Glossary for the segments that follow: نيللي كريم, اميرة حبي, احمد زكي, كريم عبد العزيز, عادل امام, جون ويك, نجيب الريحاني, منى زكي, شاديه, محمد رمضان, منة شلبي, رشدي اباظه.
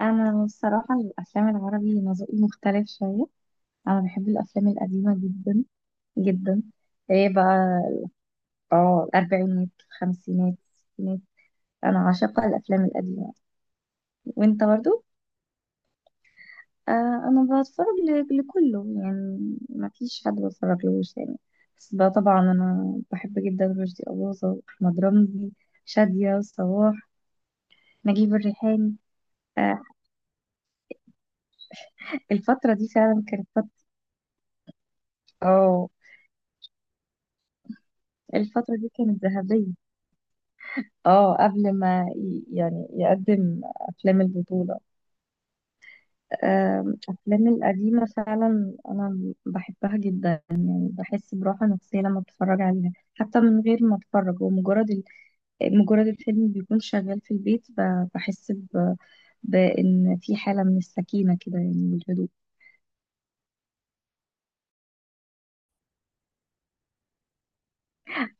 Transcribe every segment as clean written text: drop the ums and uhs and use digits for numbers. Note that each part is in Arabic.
انا الصراحه الافلام العربي ذوقي مختلف شويه. انا بحب الافلام القديمه جدا جدا. ايه بقى. اه، الاربعينات الخمسينات الستينات. انا عاشقه الافلام القديمه. وانت برضو؟ آه. انا بتفرج لكله، يعني ما فيش حد بتفرج لهوش يعني. بس بقى طبعا انا بحب جدا رشدي اباظه واحمد رمزي، شاديه وصباح، نجيب الريحاني. آه، الفتره دي فعلا كانت فتره. اه، الفتره دي كانت ذهبيه. اه، قبل ما يعني يقدم افلام البطولة. افلام القديمة فعلا انا بحبها جدا. يعني بحس براحة نفسية لما بتفرج عليها، حتى من غير ما اتفرج، مجرد الفيلم بيكون شغال في البيت، بحس بان في حالة من السكينة كده، يعني من الهدوء.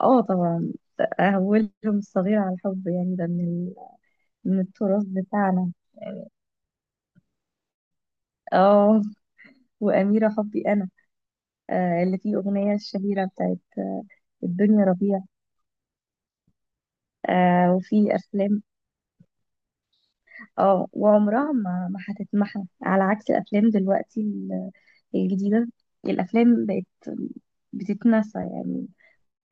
اه طبعا. اولهم الصغير على الحب، يعني من التراث بتاعنا. اه، واميرة حبي انا. آه، اللي فيه اغنية الشهيرة بتاعت الدنيا ربيع. آه، وفي افلام. اه، وعمرها ما هتتمحى، على عكس الافلام دلوقتي الجديده. الافلام بقت بتتنسى يعني.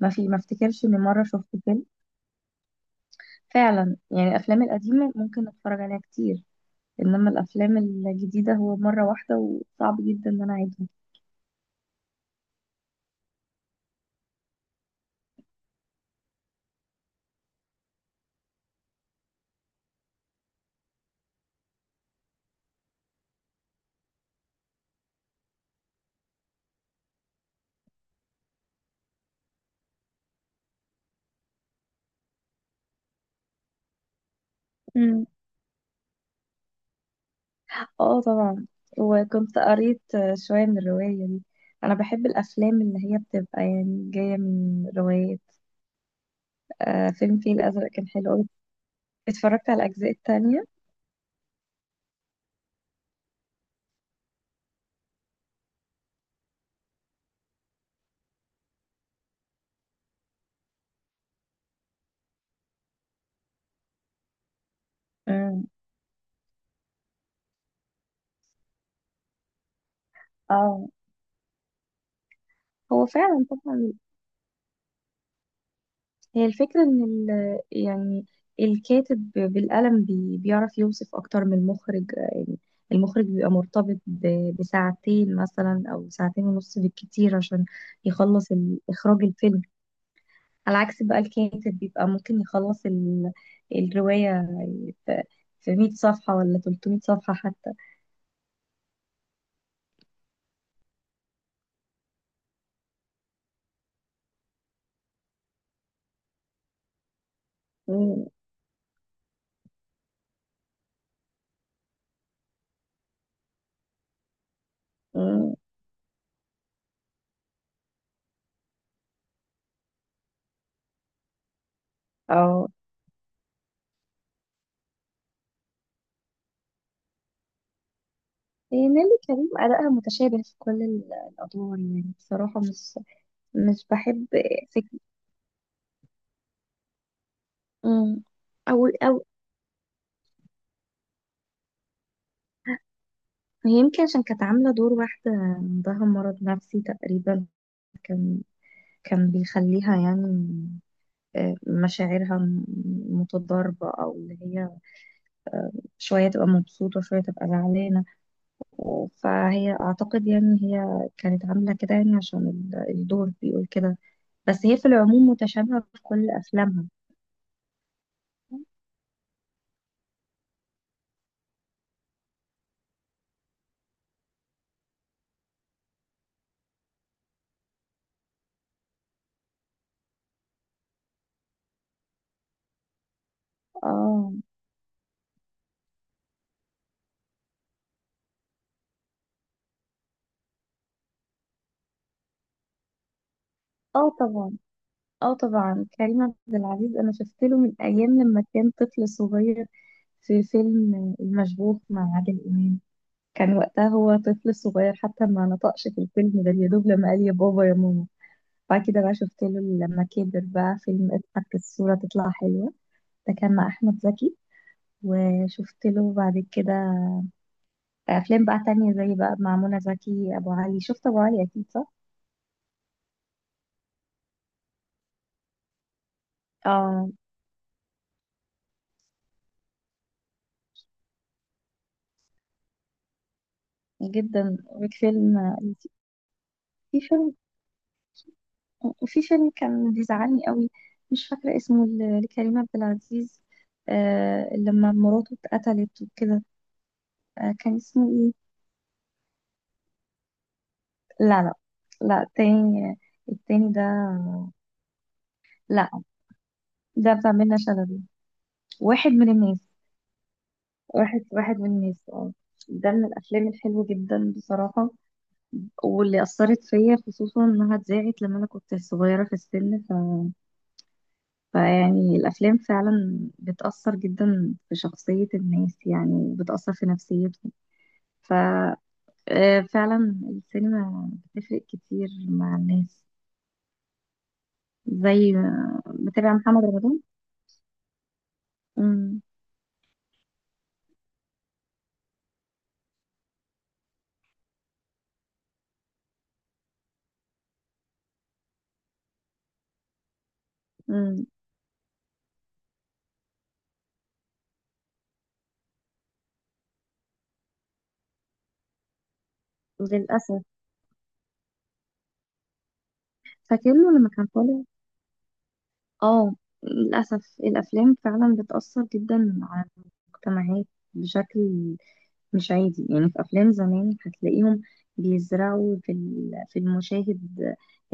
ما افتكرش اني مره شفت فيلم. فعلا يعني الافلام القديمه ممكن اتفرج عليها كتير، انما الافلام الجديده هو مره واحده، وصعب جدا ان انا اعيدها. امم. اه طبعا. وكنت قريت شويه من الروايه دي. انا بحب الافلام اللي هي بتبقى يعني جايه من روايه. آه، فيلم فيه الأزرق كان حلو أوي. اتفرجت على الأجزاء التانية. امم. اه، هو فعلا طبعا. هي الفكرة إن يعني الكاتب بالقلم بيعرف يوصف أكتر من المخرج، يعني المخرج بيبقى مرتبط بساعتين مثلا، أو ساعتين ونص بالكتير، عشان يخلص إخراج الفيلم. على عكس بقى الكاتب بيبقى ممكن يخلص الرواية في في 100 صفحة ولا 300 صفحة حتى. امم. نيللي كريم أداءها متشابه في كل الأدوار، يعني بصراحة مش بحب فكرة. مم. أو هي يمكن عشان كانت عاملة دور واحدة عندها مرض نفسي تقريبا. كان كان بيخليها يعني مشاعرها متضاربة، أو اللي هي شوية تبقى مبسوطة وشوية تبقى زعلانة. فهي أعتقد يعني هي كانت عاملة كده، يعني عشان الدور بيقول كده. بس هي في العموم متشابهة في كل أفلامها. اه. اه طبعا. اه طبعا، كريم عبد العزيز انا شفت له من ايام لما كان طفل صغير، في فيلم المشبوه مع عادل امام. كان وقتها هو طفل صغير، حتى ما نطقش في الفيلم ده، يا دوب لما قال يا بابا يا ماما. بعد كده بقى شفت له لما كبر بقى فيلم اضحك الصورة تطلع حلوة، ده كان مع احمد زكي. وشفت له بعد كده افلام بقى تانية، زي بقى مع منى زكي ابو علي، شفت ابو علي اكيد صح. اه، جدا وفيلم. في فيلم. وفي فيلم كان بيزعلني قوي، مش فاكرة اسمه لكريم عبد العزيز. آه، لما مراته اتقتلت وكده. آه، كان اسمه ايه؟ لا لا. لا، التاني. التاني ده. لا. ده بتاع منة شلبي، واحد من الناس. واحد من الناس. اه، ده من الافلام الحلوة جدا بصراحة، واللي اثرت فيا، خصوصا انها اتذاعت لما انا كنت صغيرة في السن. فيعني الافلام فعلا بتأثر جدا في شخصية الناس، يعني بتأثر في نفسيتهم. ف آه، فعلا السينما بتفرق كتير مع الناس. زي متابع محمد رمضان. امم. امم. للأسف. فاكر له لما كان طالع. اه، للأسف الأفلام فعلا بتأثر جدا على المجتمعات، بشكل مش عادي. يعني في أفلام زمان هتلاقيهم بيزرعوا في في المشاهد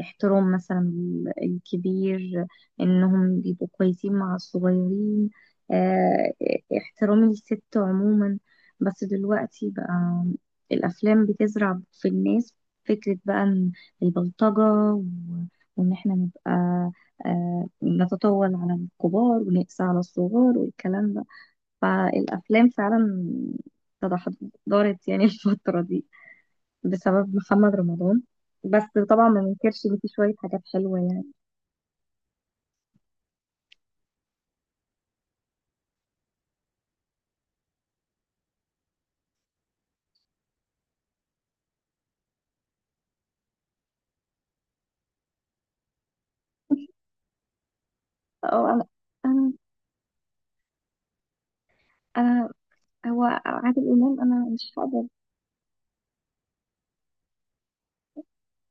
احترام مثلا الكبير، إنهم بيبقوا كويسين مع الصغيرين، آه، احترام الست عموما. بس دلوقتي بقى الأفلام بتزرع في الناس فكرة بقى إن البلطجة وإن إحنا نبقى نتطاول على الكبار ونقسى على الصغار والكلام ده. فالأفلام فعلا تدهورت يعني الفترة دي، بسبب محمد رمضان بس. طبعا ما ننكرش ان في شوية حاجات حلوة يعني. اه. انا انا هو عادل امام، انا مش هقدر.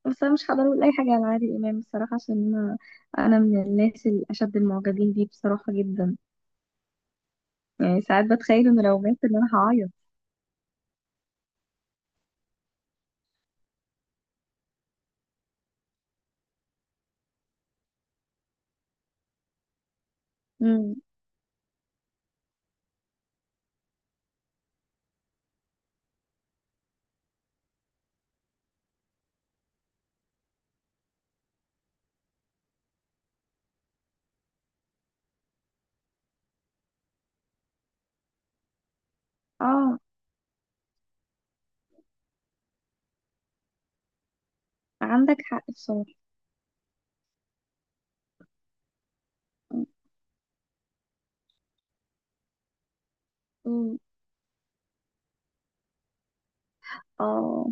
بس انا مش هقدر اقول اي حاجة على عادل امام بصراحة، عشان انا من الناس الاشد المعجبين بيه بصراحة جدا. يعني ساعات بتخيل انه لو مات ان انا هعيط. امم. اه، عندك حق بصراحة. امم. اه،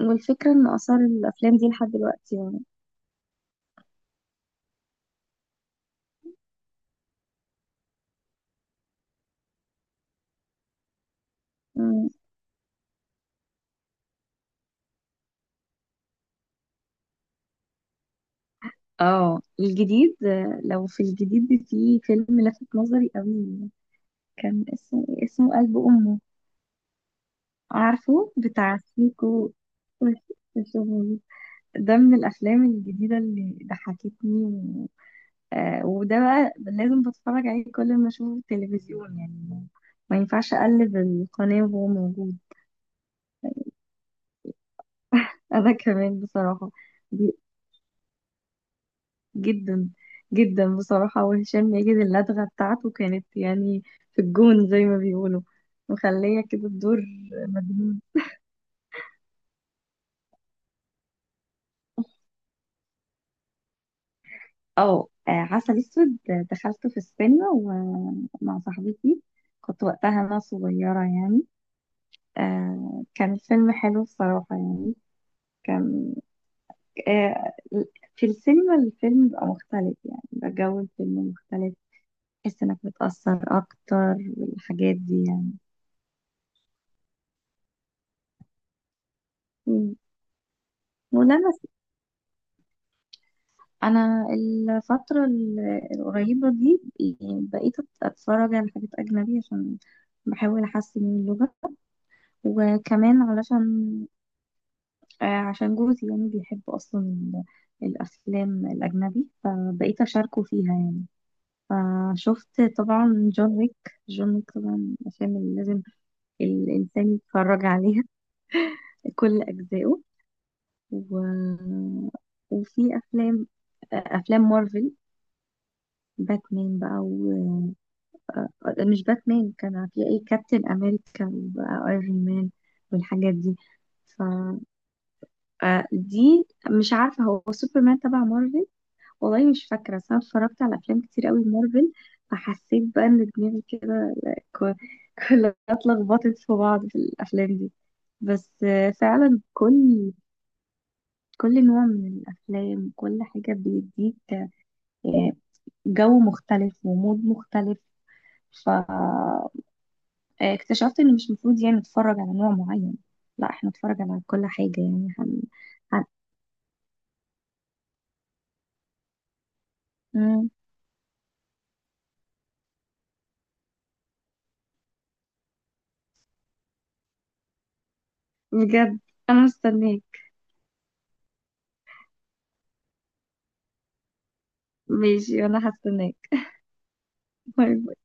والفكرة ان اثار الافلام دي لحد دلوقتي يعني. اه، الجديد، لو في الجديد في فيلم لفت نظري قوي، كان اسمه إيه؟ اسمه قلب أمه. عارفه بتاع سيكو وشهور. ده من الأفلام الجديدة اللي ضحكتني. آه، وده بقى لازم بتفرج عليه كل ما أشوفه في التلفزيون، يعني ما ينفعش أقلب القناة وهو موجود. أنا كمان بصراحة. جدا جدا بصراحة. وهشام ماجد اللدغة بتاعته كانت يعني في الجون، زي ما بيقولوا، مخلية كده الدور مجنون. اه. عسل اسود، دخلته في السينما ومع صاحبتي. كنت وقتها انا صغيرة يعني. كان الفيلم حلو بصراحة يعني. كان. آه، في السينما الفيلم بقى مختلف، يعني بقى جو الفيلم مختلف، تحس انك متأثر اكتر والحاجات دي يعني. مم. ولما انا الفتره القريبه دي يعني بقيت اتفرج على حاجات اجنبي، عشان بحاول احسن من اللغه، وكمان علشان عشان جوزي يعني بيحب اصلا الافلام الاجنبي، فبقيت اشاركه فيها يعني. فشفت طبعا جون ويك. جون ويك طبعا الافلام اللي لازم الانسان يتفرج عليها كل اجزائه. و... وفي افلام، افلام مارفل. باتمان بقى. آه، مش باتمان، كان في اي كابتن امريكا وايرون مان والحاجات دي. ف دي مش عارفه هو سوبرمان تبع مارفل، والله مش فاكره. بس انا اتفرجت على افلام كتير قوي مارفل، فحسيت بقى ان دماغي كده ك- كلها اتلخبطت في بعض في الافلام دي. بس فعلا كل نوع من الافلام كل حاجه بيديك آه، جو مختلف ومود مختلف. ف اكتشفت ان مش مفروض يعني نتفرج على نوع معين، لا احنا نتفرج على كل حاجة يعني هن... مم، بجد، انا مستنياك. ماشي، وانا هستناك. باي باي.